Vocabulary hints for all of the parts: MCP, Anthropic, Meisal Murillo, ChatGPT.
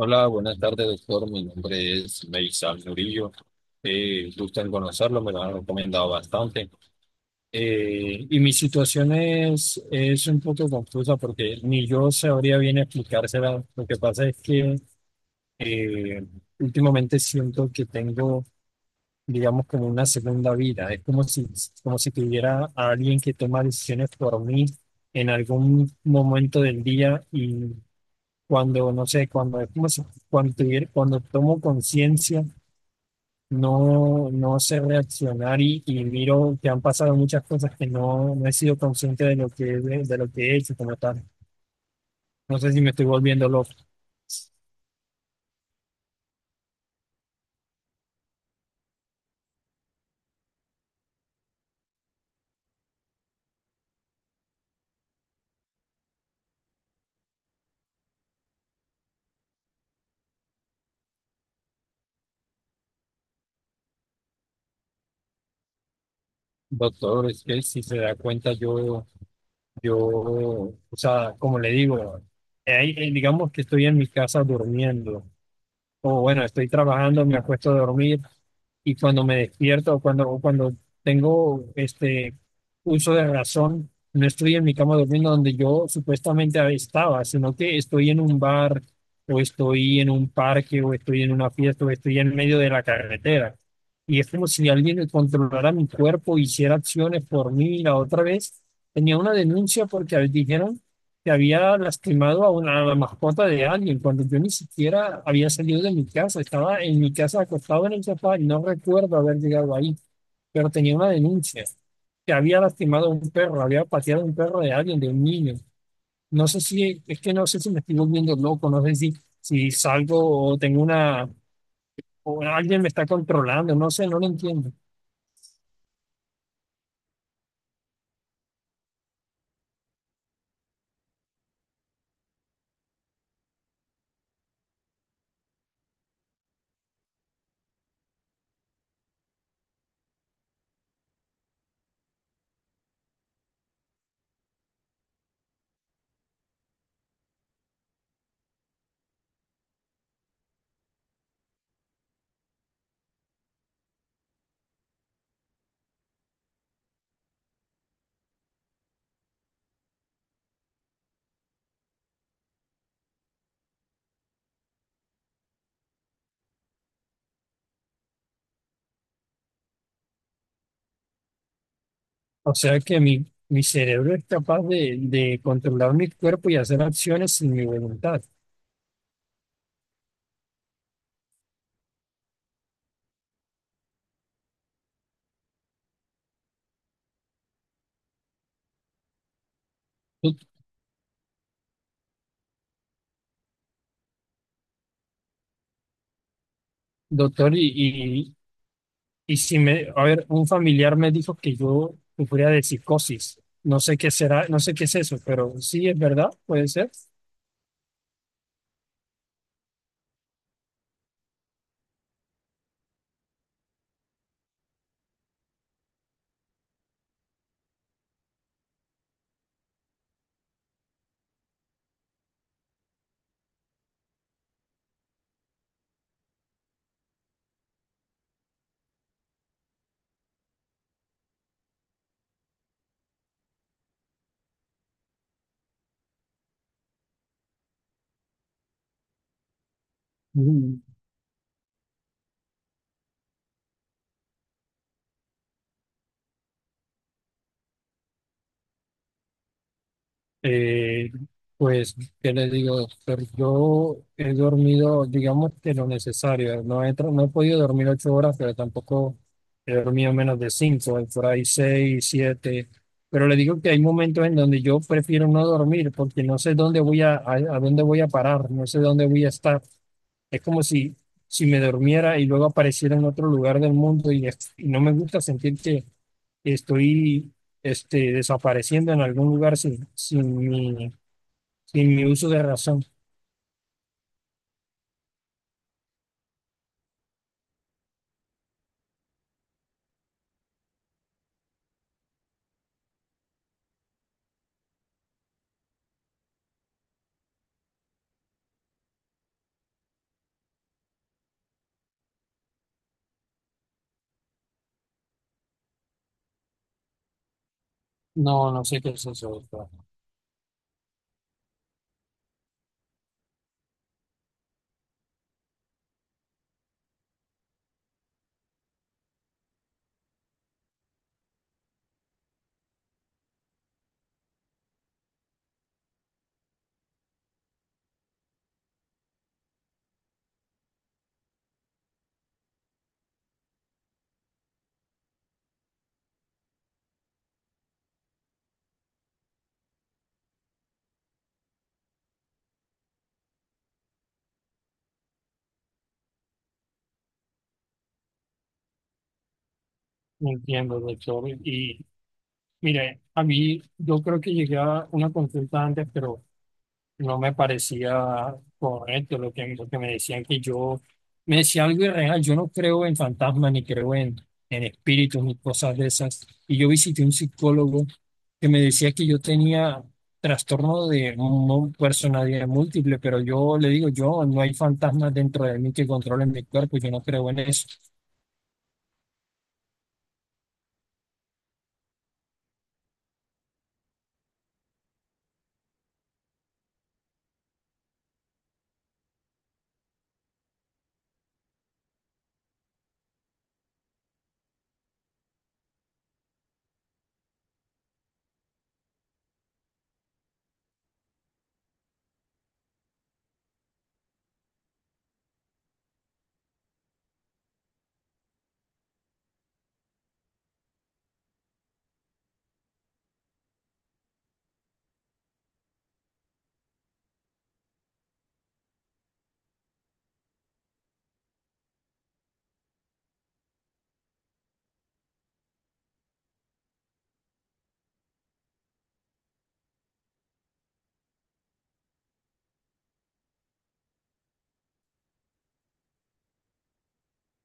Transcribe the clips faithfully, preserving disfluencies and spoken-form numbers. Hola, buenas tardes, doctor. Mi nombre es Meisal Murillo. Eh, gusto en conocerlo, me lo han recomendado bastante. Eh, y mi situación es, es un poco confusa porque ni yo sabría bien explicársela. Lo que pasa es que eh, últimamente siento que tengo, digamos, como una segunda vida. Es como si, como si tuviera a alguien que toma decisiones por mí en algún momento del día y cuando, no sé, cuando es como si- cuando tuviera, cuando tomo conciencia, no, no sé reaccionar y, y miro que han pasado muchas cosas que no, no he sido consciente de lo que, de, de lo que he hecho como tal. No sé si me estoy volviendo loco. Doctor, es que si se da cuenta, yo, yo, o sea, como le digo, eh, eh, digamos que estoy en mi casa durmiendo, o bueno, estoy trabajando, me acuesto a dormir, y cuando me despierto o cuando, o cuando tengo este uso de razón, no estoy en mi cama durmiendo donde yo supuestamente estaba, sino que estoy en un bar o estoy en un parque o estoy en una fiesta o estoy en medio de la carretera. Y es como si alguien controlara mi cuerpo, hiciera acciones por mí. La otra vez tenía una denuncia porque dijeron que había lastimado a una a la mascota de alguien, cuando yo ni siquiera había salido de mi casa, estaba en mi casa acostado en el sofá y no recuerdo haber llegado ahí, pero tenía una denuncia que había lastimado a un perro, había pateado a un perro de alguien, de un niño. No sé si, es que no sé si me estoy volviendo loco, no sé si, si salgo o tengo una, o alguien me está controlando, no sé, no lo entiendo. O sea que mi, mi cerebro es capaz de, de controlar mi cuerpo y hacer acciones sin mi voluntad. ¿Tú, Doctor, y, y, y si me, a ver, un familiar me dijo que yo sufría de psicosis. No sé qué será, no sé qué es eso, pero sí es verdad, puede ser. Mm. Eh, pues, ¿qué le digo, doctor? Yo he dormido, digamos que lo necesario. No he, tra- no he podido dormir ocho horas, pero tampoco he dormido menos de cinco, por ahí seis, siete. Pero le digo que hay momentos en donde yo prefiero no dormir porque no sé dónde voy a, a a dónde voy a parar, no sé dónde voy a estar. Es como si, si me durmiera y luego apareciera en otro lugar del mundo y, es- y no me gusta sentir que estoy este, desapareciendo en algún lugar sin, sin mi, sin mi uso de razón. No, no sé qué es eso, doctor. No entiendo, doctor. Y mire, a mí yo creo que llegué a una consulta antes, pero no me parecía correcto lo que, lo que me decían que yo, me decía algo irreal, yo no creo en fantasmas ni creo en, en espíritus ni cosas de esas. Y yo visité un psicólogo que me decía que yo tenía trastorno de mu- personalidad múltiple, pero yo le digo, yo no hay fantasmas dentro de mí que controlen mi cuerpo, yo no creo en eso.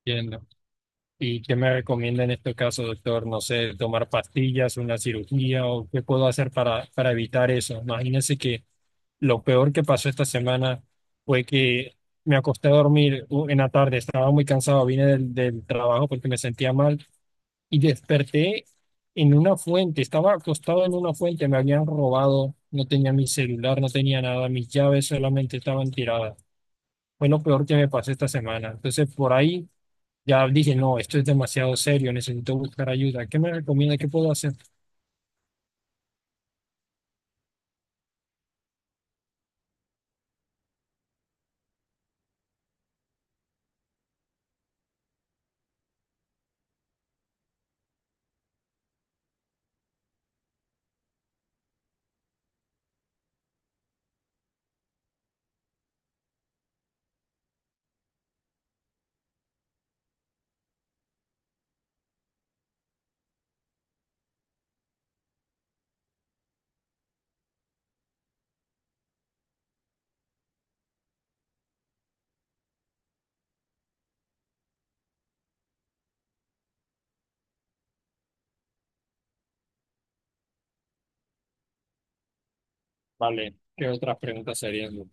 Entiendo. ¿Y qué me recomienda en este caso, doctor? No sé, tomar pastillas, una cirugía o qué puedo hacer para, para evitar eso. Imagínese que lo peor que pasó esta semana fue que me acosté a dormir u- en la tarde, estaba muy cansado, vine del, del trabajo porque me sentía mal y desperté en una fuente, estaba acostado en una fuente, me habían robado, no tenía mi celular, no tenía nada, mis llaves solamente estaban tiradas. Fue lo peor que me pasó esta semana. Entonces por ahí ya dije, no, esto es demasiado serio, necesito buscar ayuda. ¿Qué me recomienda? ¿Qué puedo hacer? Vale, ¿qué otras preguntas serían?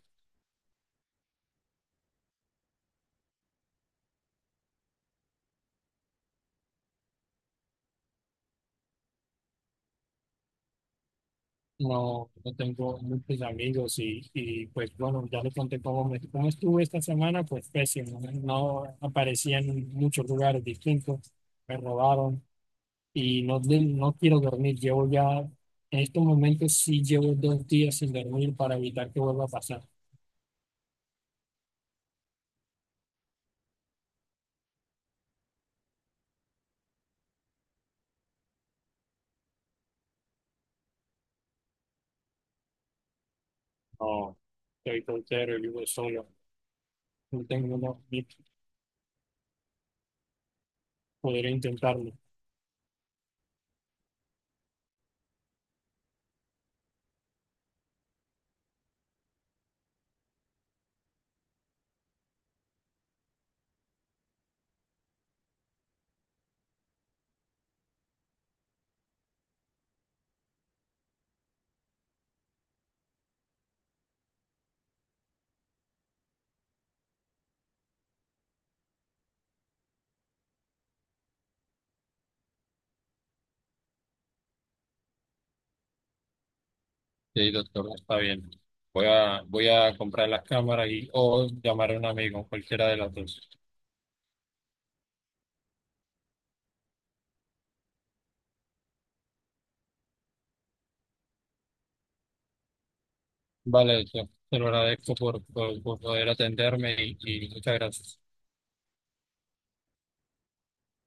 No, no tengo muchos amigos y, y pues bueno, ya le conté cómo, me, cómo estuve esta semana, pues pésimo, ¿no? No aparecía en muchos lugares distintos, me robaron y no, de- no quiero dormir, llevo ya, en estos momentos sí llevo dos días sin dormir para evitar que vuelva a pasar. No, estoy soltero y vivo solo, no tengo, no, ni podría intentarlo. Sí, doctor, está bien. Voy a, voy a comprar las cámaras y o llamar a un amigo, cualquiera de las dos. Vale, yo te lo agradezco por, por, por poder atenderme y, y muchas gracias.